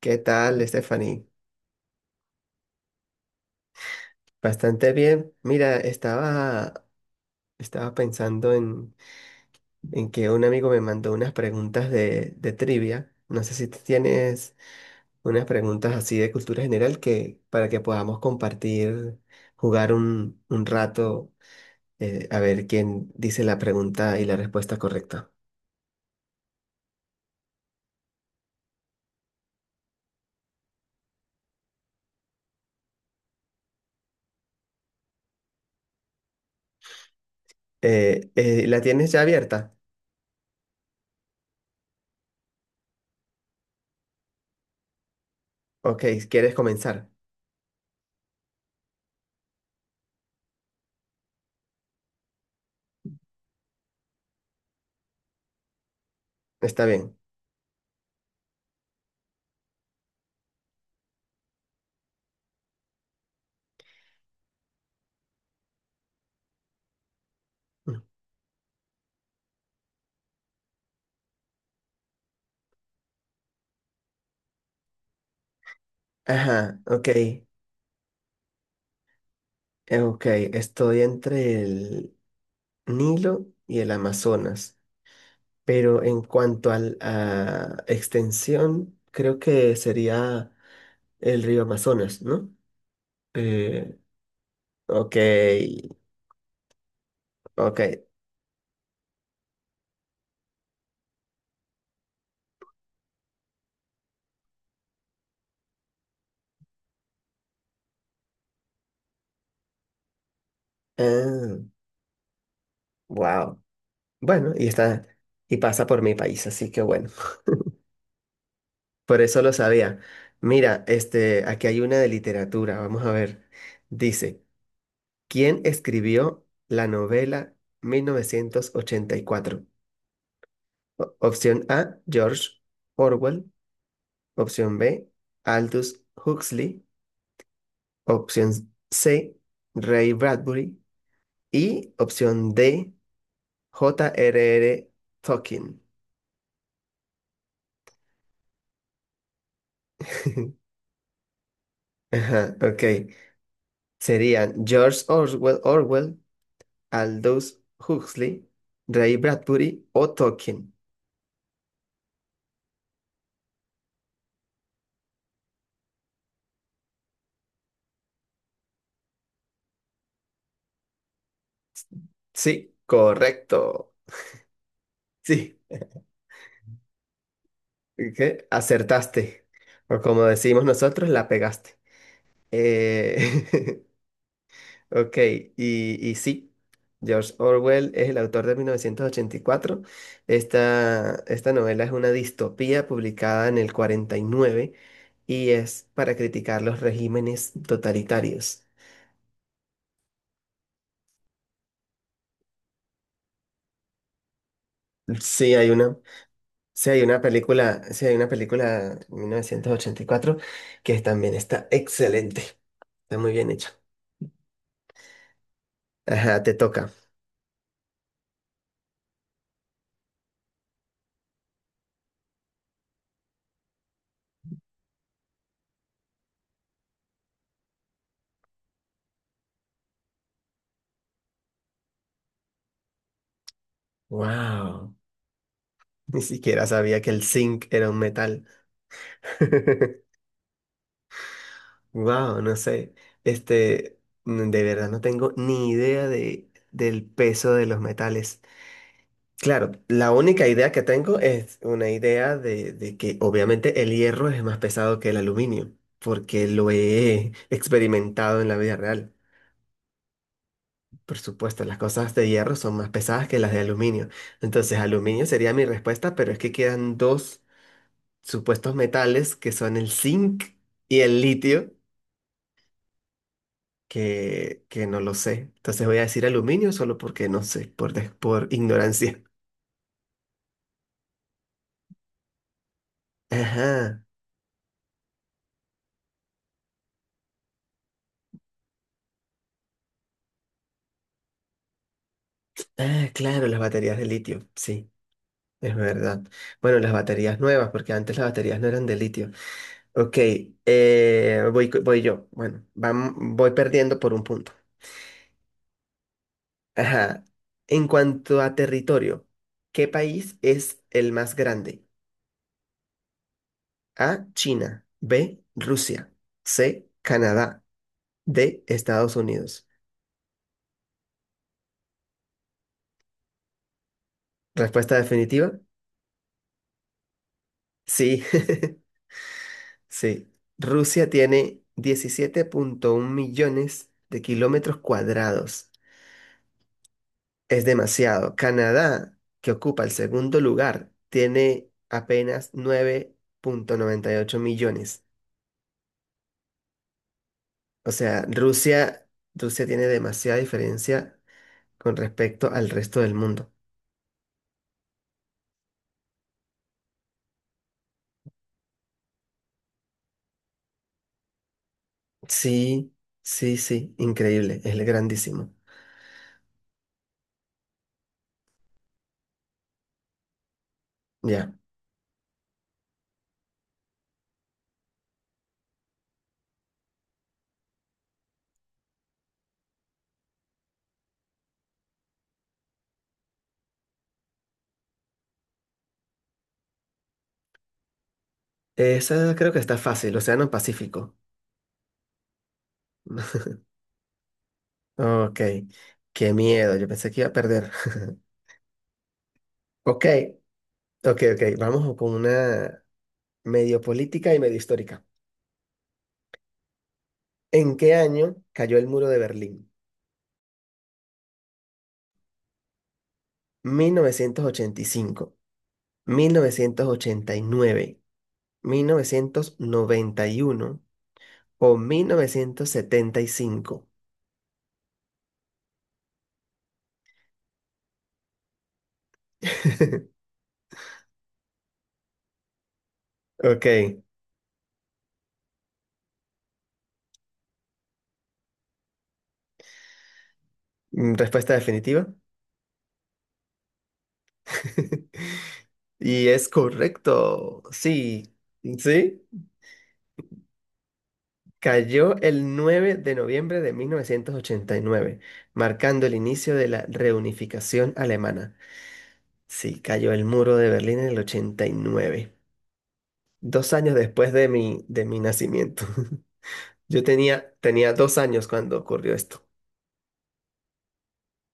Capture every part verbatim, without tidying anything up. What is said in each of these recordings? ¿Qué tal, Stephanie? Bastante bien. Mira, estaba, estaba pensando en, en que un amigo me mandó unas preguntas de, de trivia. No sé si tú tienes unas preguntas así de cultura general que, para que podamos compartir, jugar un, un rato, eh, a ver quién dice la pregunta y la respuesta correcta. Eh, eh, ¿la tienes ya abierta? Ok, ¿quieres comenzar? Está bien. Ajá, ok. eh, Ok, estoy entre el Nilo y el Amazonas. Pero en cuanto al- a extensión, creo que sería el río Amazonas, ¿no? Eh, ok, ok. Ah, wow. Bueno, y está, y pasa por mi país, así que bueno. Por eso lo sabía. Mira, este, aquí hay una de literatura, vamos a ver. Dice, ¿quién escribió la novela mil novecientos ochenta y cuatro? O- Opción A, George Orwell. Opción B, Aldous Huxley. Opción C, Ray Bradbury. Y opción D, J R R. Tolkien. Ajá, ok. Serían George Orwell, Orwell, Aldous Huxley, Ray Bradbury o Tolkien. Sí, correcto. Sí, ok, acertaste. O como decimos nosotros, la pegaste. Eh, Ok, y, y sí, George Orwell es el autor de mil novecientos ochenta y cuatro. Esta, esta novela es una distopía publicada en el cuarenta y nueve y es para criticar los regímenes totalitarios. Sí, hay una, sí, hay una película, sí, hay una película mil novecientos ochenta y cuatro que también está excelente, está muy bien hecha. Ajá, te toca. Wow, ni siquiera sabía que el zinc era un metal. Wow, no sé. Este, n- de verdad no tengo ni idea de, del peso de los metales. Claro, la única idea que tengo es una idea de, de que obviamente el hierro es más pesado que el aluminio, porque lo he experimentado en la vida real. Por supuesto, las cosas de hierro son más pesadas que las de aluminio. Entonces, aluminio sería mi respuesta, pero es que quedan dos supuestos metales que son el zinc y el litio. que, que no lo sé. Entonces voy a decir aluminio solo porque no sé, por, des- por ignorancia. Ajá. Ah, claro, las baterías de litio. Sí, es verdad. Bueno, las baterías nuevas, porque antes las baterías no eran de litio. Ok, eh, voy, co- voy yo. Bueno, vam- voy perdiendo por un punto. Ajá. En cuanto a territorio, ¿qué país es el más grande? A, China. B, Rusia. C, Canadá. D, Estados Unidos. Respuesta definitiva. Sí, sí. Rusia tiene diecisiete punto uno millones de kilómetros cuadrados. Es demasiado. Canadá, que ocupa el segundo lugar, tiene apenas nueve punto noventa y ocho millones. O sea, Rusia, Rusia tiene demasiada diferencia con respecto al resto del mundo. Sí, sí, sí, increíble, es grandísimo. Ya. Esa creo que está fácil, Océano Pacífico. Ok, qué miedo, yo pensé que iba a perder. Ok, ok, ok, vamos con una medio política y medio histórica. ¿En qué año cayó el muro de Berlín? Mil mil mil novecientos novecientos novecientos ochenta ochenta y y cinco, nueve, mil novecientos noventa y uno o mil novecientos setenta y cinco. Ok, mm, respuesta definitiva. Y es correcto, sí, sí. Cayó el nueve de noviembre de mil novecientos ochenta y nueve, marcando el inicio de la reunificación alemana. Sí, cayó el muro de Berlín en el ochenta y nueve, dos años después de mi, de mi nacimiento. Yo tenía, tenía dos años cuando ocurrió esto.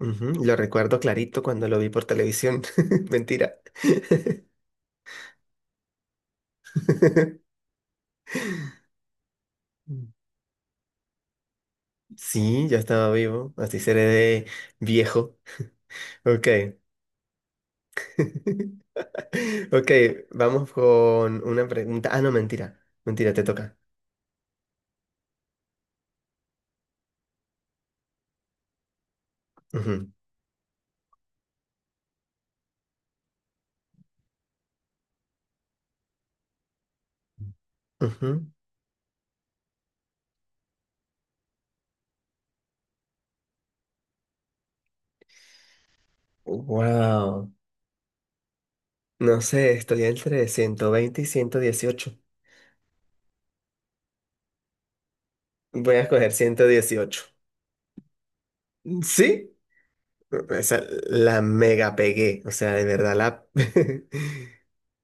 Ujú, lo recuerdo clarito cuando lo vi por televisión. Mentira. Sí, ya estaba vivo, así seré de viejo. Ok. Ok, vamos con una pregunta. Ah, no, mentira. Mentira, te toca. Ujú, ujú. Wow. No sé, estoy entre ciento veinte y ciento dieciocho. Voy a escoger ciento dieciocho. ¿Sí? Esa la mega pegué. O sea, de verdad la.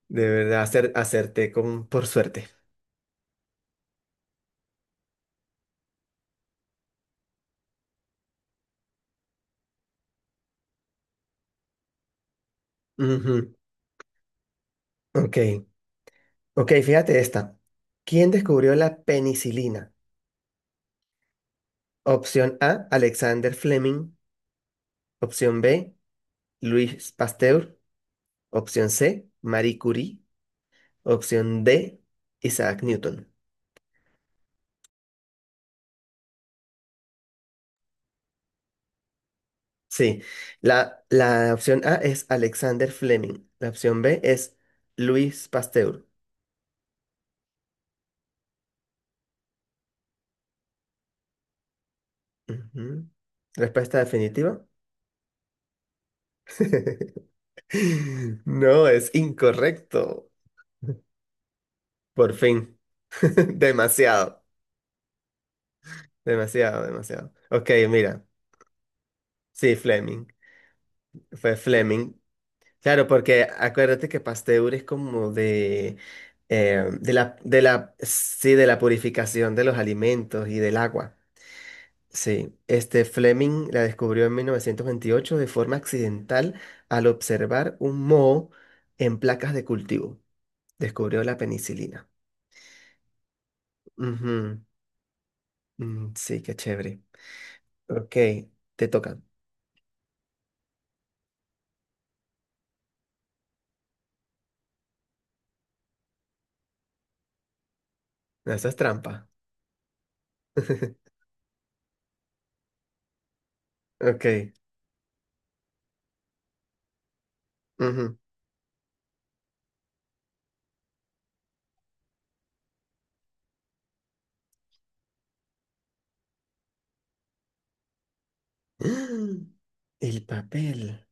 De verdad acer- acerté con por suerte. Ujú. Ok. Ok, fíjate esta. ¿Quién descubrió la penicilina? Opción A, Alexander Fleming. Opción B, Luis Pasteur, opción C, Marie Curie, opción D, Isaac Newton. Sí, la, la opción A es Alexander Fleming, la opción B es Luis Pasteur. Ujú. Respuesta definitiva. No, es incorrecto. Por fin. Demasiado, demasiado, demasiado. Ok, mira, sí, Fleming. Fue Fleming. Claro, porque acuérdate que Pasteur es como de, eh, de la, de la, sí, de la purificación de los alimentos y del agua. Sí, este Fleming la descubrió en mil novecientos veintiocho de forma accidental al observar un moho en placas de cultivo. Descubrió la penicilina. Ujú. Mm, sí, qué chévere. Ok, te tocan. No, eso es trampa. Ok. Ujú. El papel.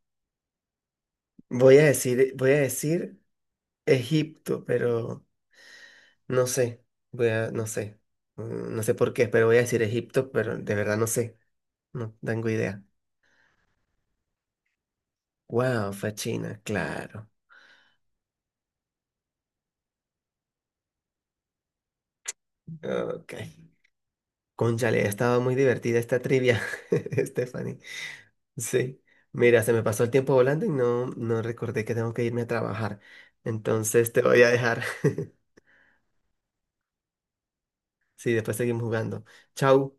Voy a decir, voy a decir. Egipto, pero no sé. Voy a, no sé. Mm, No sé por qué, pero voy a decir Egipto, pero de verdad no sé. No tengo idea. Wow, fue China, claro. Ok. Cónchale, ha estado muy divertida esta trivia, Stephanie. Sí. Mira, se me pasó el tiempo volando y no, no recordé que tengo que irme a trabajar. Entonces te voy a dejar. Sí, después seguimos jugando. Chau.